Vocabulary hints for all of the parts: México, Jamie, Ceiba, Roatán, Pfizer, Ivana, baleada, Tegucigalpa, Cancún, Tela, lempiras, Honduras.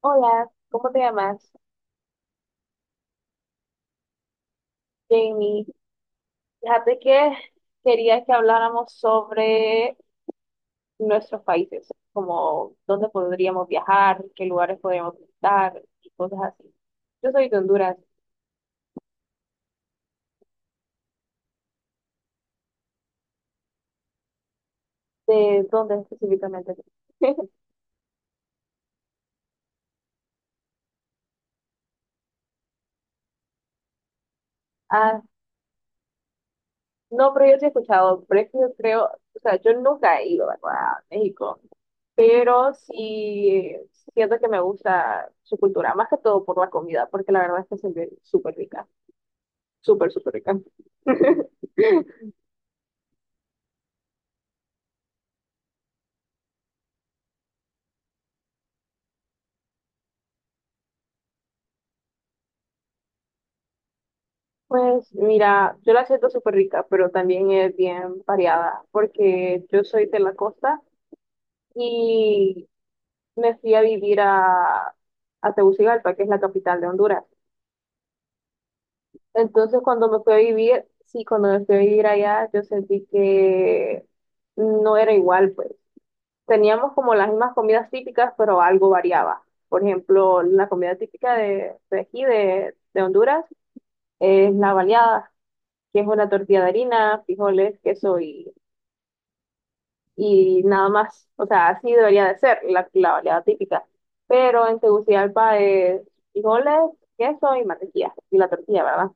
Hola, ¿cómo te llamas? Jamie. Fíjate que quería que habláramos sobre nuestros países, como dónde podríamos viajar, qué lugares podríamos visitar y cosas así. Yo soy de Honduras. ¿De dónde específicamente? Ah, no, pero yo sí he escuchado, pero es que yo creo, o sea, yo nunca he ido, ¿verdad? A México, pero sí siento que me gusta su cultura, más que todo por la comida, porque la verdad es que se ve súper rica. Súper, súper rica. Pues mira, yo la siento súper rica, pero también es bien variada, porque yo soy de la costa y me fui a vivir a Tegucigalpa, que es la capital de Honduras. Entonces cuando me fui a vivir, sí, cuando me fui a vivir allá, yo sentí que no era igual, pues. Teníamos como las mismas comidas típicas, pero algo variaba. Por ejemplo, la comida típica de aquí, de Honduras, es la baleada, que es una tortilla de harina, frijoles, queso y nada más. O sea, así debería de ser la variedad típica. Pero en Tegucigalpa es frijoles, queso y mantequilla, y la tortilla, ¿verdad?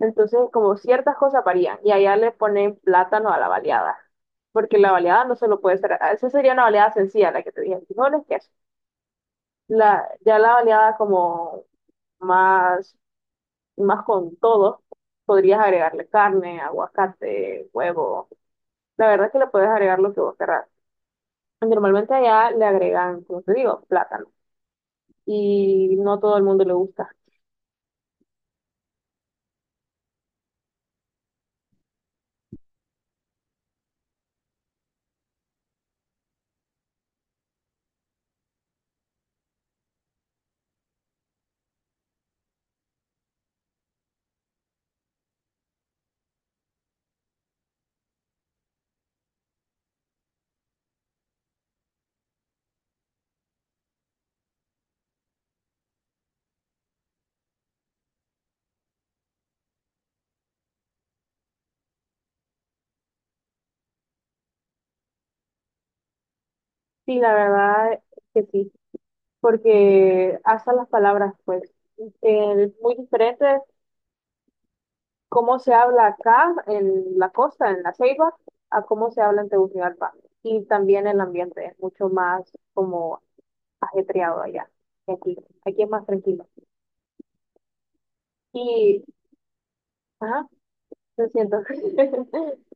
Entonces, como ciertas cosas varían, y allá le ponen plátano a la baleada, porque la baleada no solo puede ser, esa sería una baleada sencilla, la que te dije, frijoles, queso. La, ya la baleada como más, más con todo, podrías agregarle carne, aguacate, huevo. La verdad es que le puedes agregar lo que vos querrás. Normalmente allá le agregan, como te digo, plátano. Y no todo el mundo le gusta. Sí, la verdad es que sí. Porque hasta las palabras, pues, muy diferentes. Cómo se habla acá en la costa, en la Ceiba, a cómo se habla en Tegucigalpa. Y también el ambiente es mucho más como ajetreado allá que aquí. Aquí es más tranquilo. Y, ajá, lo siento.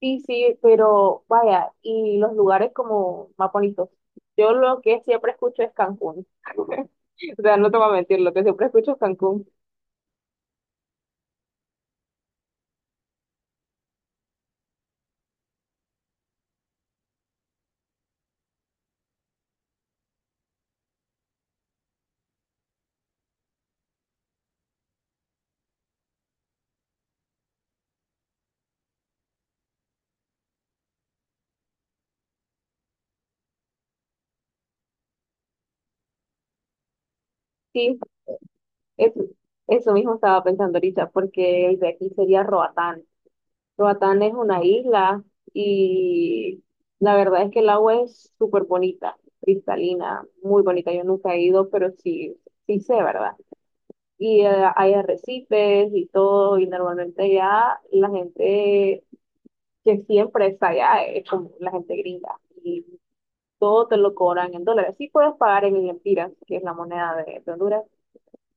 Sí, sí, pero vaya, y los lugares como más bonitos. Yo lo que siempre escucho es Cancún. O sea, no te voy a mentir, lo que siempre escucho es Cancún. Sí, es- eso mismo estaba pensando ahorita, porque el de aquí sería Roatán. Roatán es una isla y la verdad es que el agua es súper bonita, cristalina, muy bonita. Yo nunca he ido, pero sí, sí sé, ¿verdad? Y hay arrecifes y todo, y normalmente ya la gente que siempre está allá, es como la gente gringa, y todo te lo cobran en dólares. Sí puedes pagar en lempiras, que es la moneda de Honduras,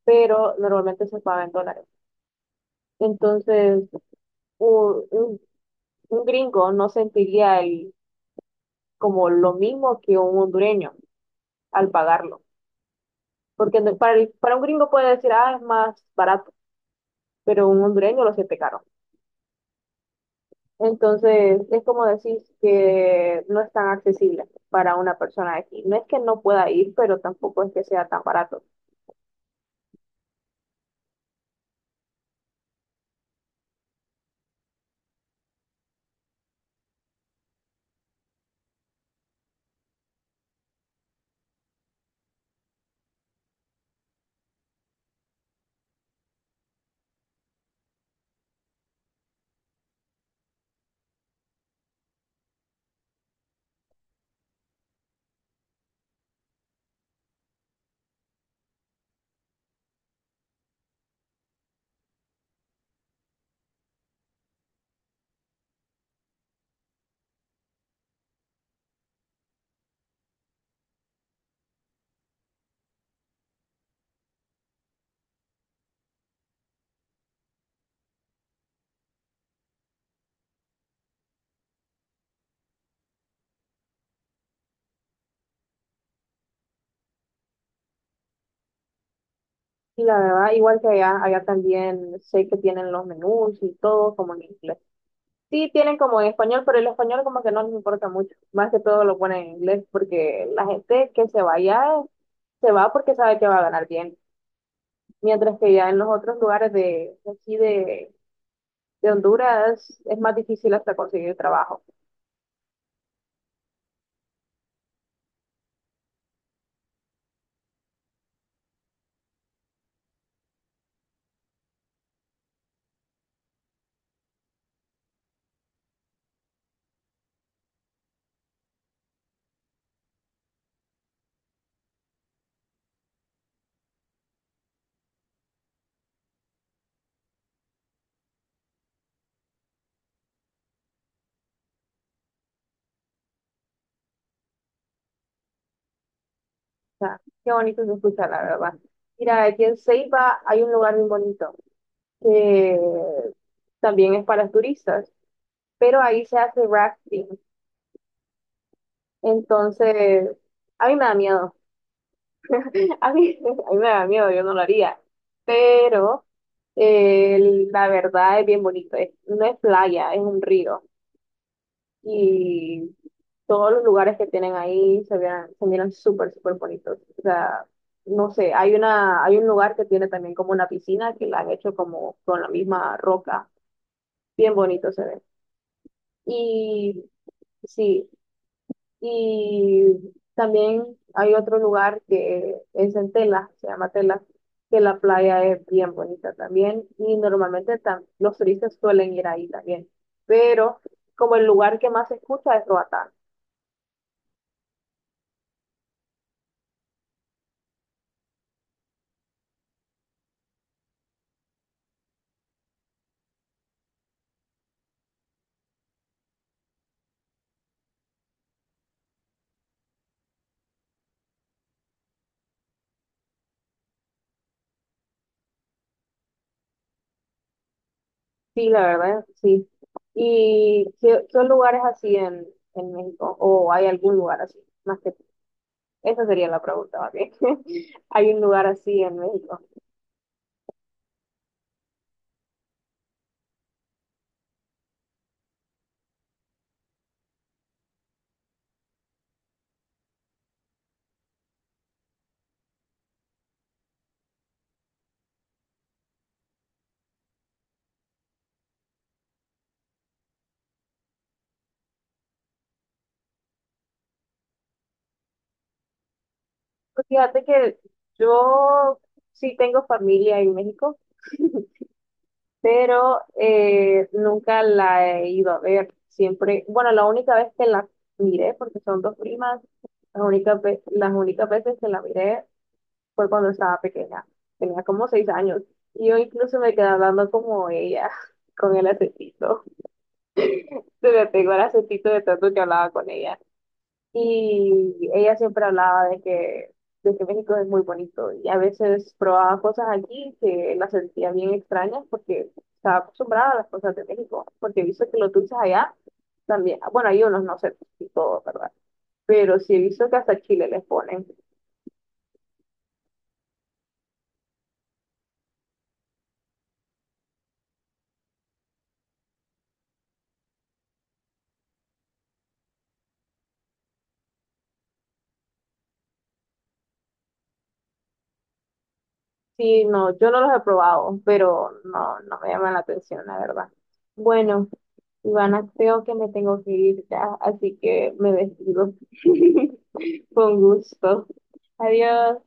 pero normalmente se paga en dólares. Entonces, un, un- un gringo no sentiría como lo mismo que un hondureño al pagarlo, porque para un gringo puede decir, ah, es más barato, pero un hondureño lo siente caro. Entonces, es como decís que no es tan accesible para una persona de aquí. No es que no pueda ir, pero tampoco es que sea tan barato. Y la verdad, igual que allá, allá también sé que tienen los menús y todo como en inglés. Sí, tienen como en español, pero el español como que no les importa mucho. Más que todo lo ponen en inglés porque la gente que se vaya se va porque sabe que va a ganar bien. Mientras que ya en los otros lugares de aquí de Honduras es más difícil hasta conseguir trabajo. Sea, qué bonito se escucha, la verdad. Mira, aquí en Ceiba hay un lugar muy bonito que también es para turistas, pero ahí se hace rafting. Entonces, a mí me da miedo. A mí me da miedo, yo no lo haría. Pero la verdad es bien bonito. No es playa, es un río. Y todos los lugares que tienen ahí se miran súper, súper bonitos. O sea, no sé, hay un lugar que tiene también como una piscina que la han hecho como con la misma roca. Bien bonito se ve. Y sí, y también hay otro lugar que es en Tela, se llama Tela, que la playa es bien bonita también. Y normalmente los turistas suelen ir ahí también. Pero como el lugar que más se escucha es Roatán. Sí, la verdad, sí. ¿Y qué, qué lugares así en México? ¿O hay algún lugar así? Más que esa sería la pregunta, ¿ok? ¿Hay un lugar así en México? Pues fíjate que yo sí tengo familia en México, pero nunca la he ido a ver. Siempre, bueno, la única vez que la miré, porque son dos primas, las únicas veces que la miré fue cuando estaba pequeña, tenía como 6 años, y yo incluso me quedé hablando como ella, con el acentito, se me pegó el acentito de tanto que hablaba con ella, y ella siempre hablaba de que México es muy bonito, y a veces probaba cosas aquí que las sentía bien extrañas porque estaba acostumbrada a las cosas de México, porque he visto que los dulces allá también, bueno, hay unos, no sé, y todo, ¿verdad? Pero sí he visto que hasta chile les ponen. Sí, no, yo no los he probado, pero no, no me llaman la atención, la verdad. Bueno, Ivana, creo que me tengo que ir ya, así que me despido. Con gusto. Adiós.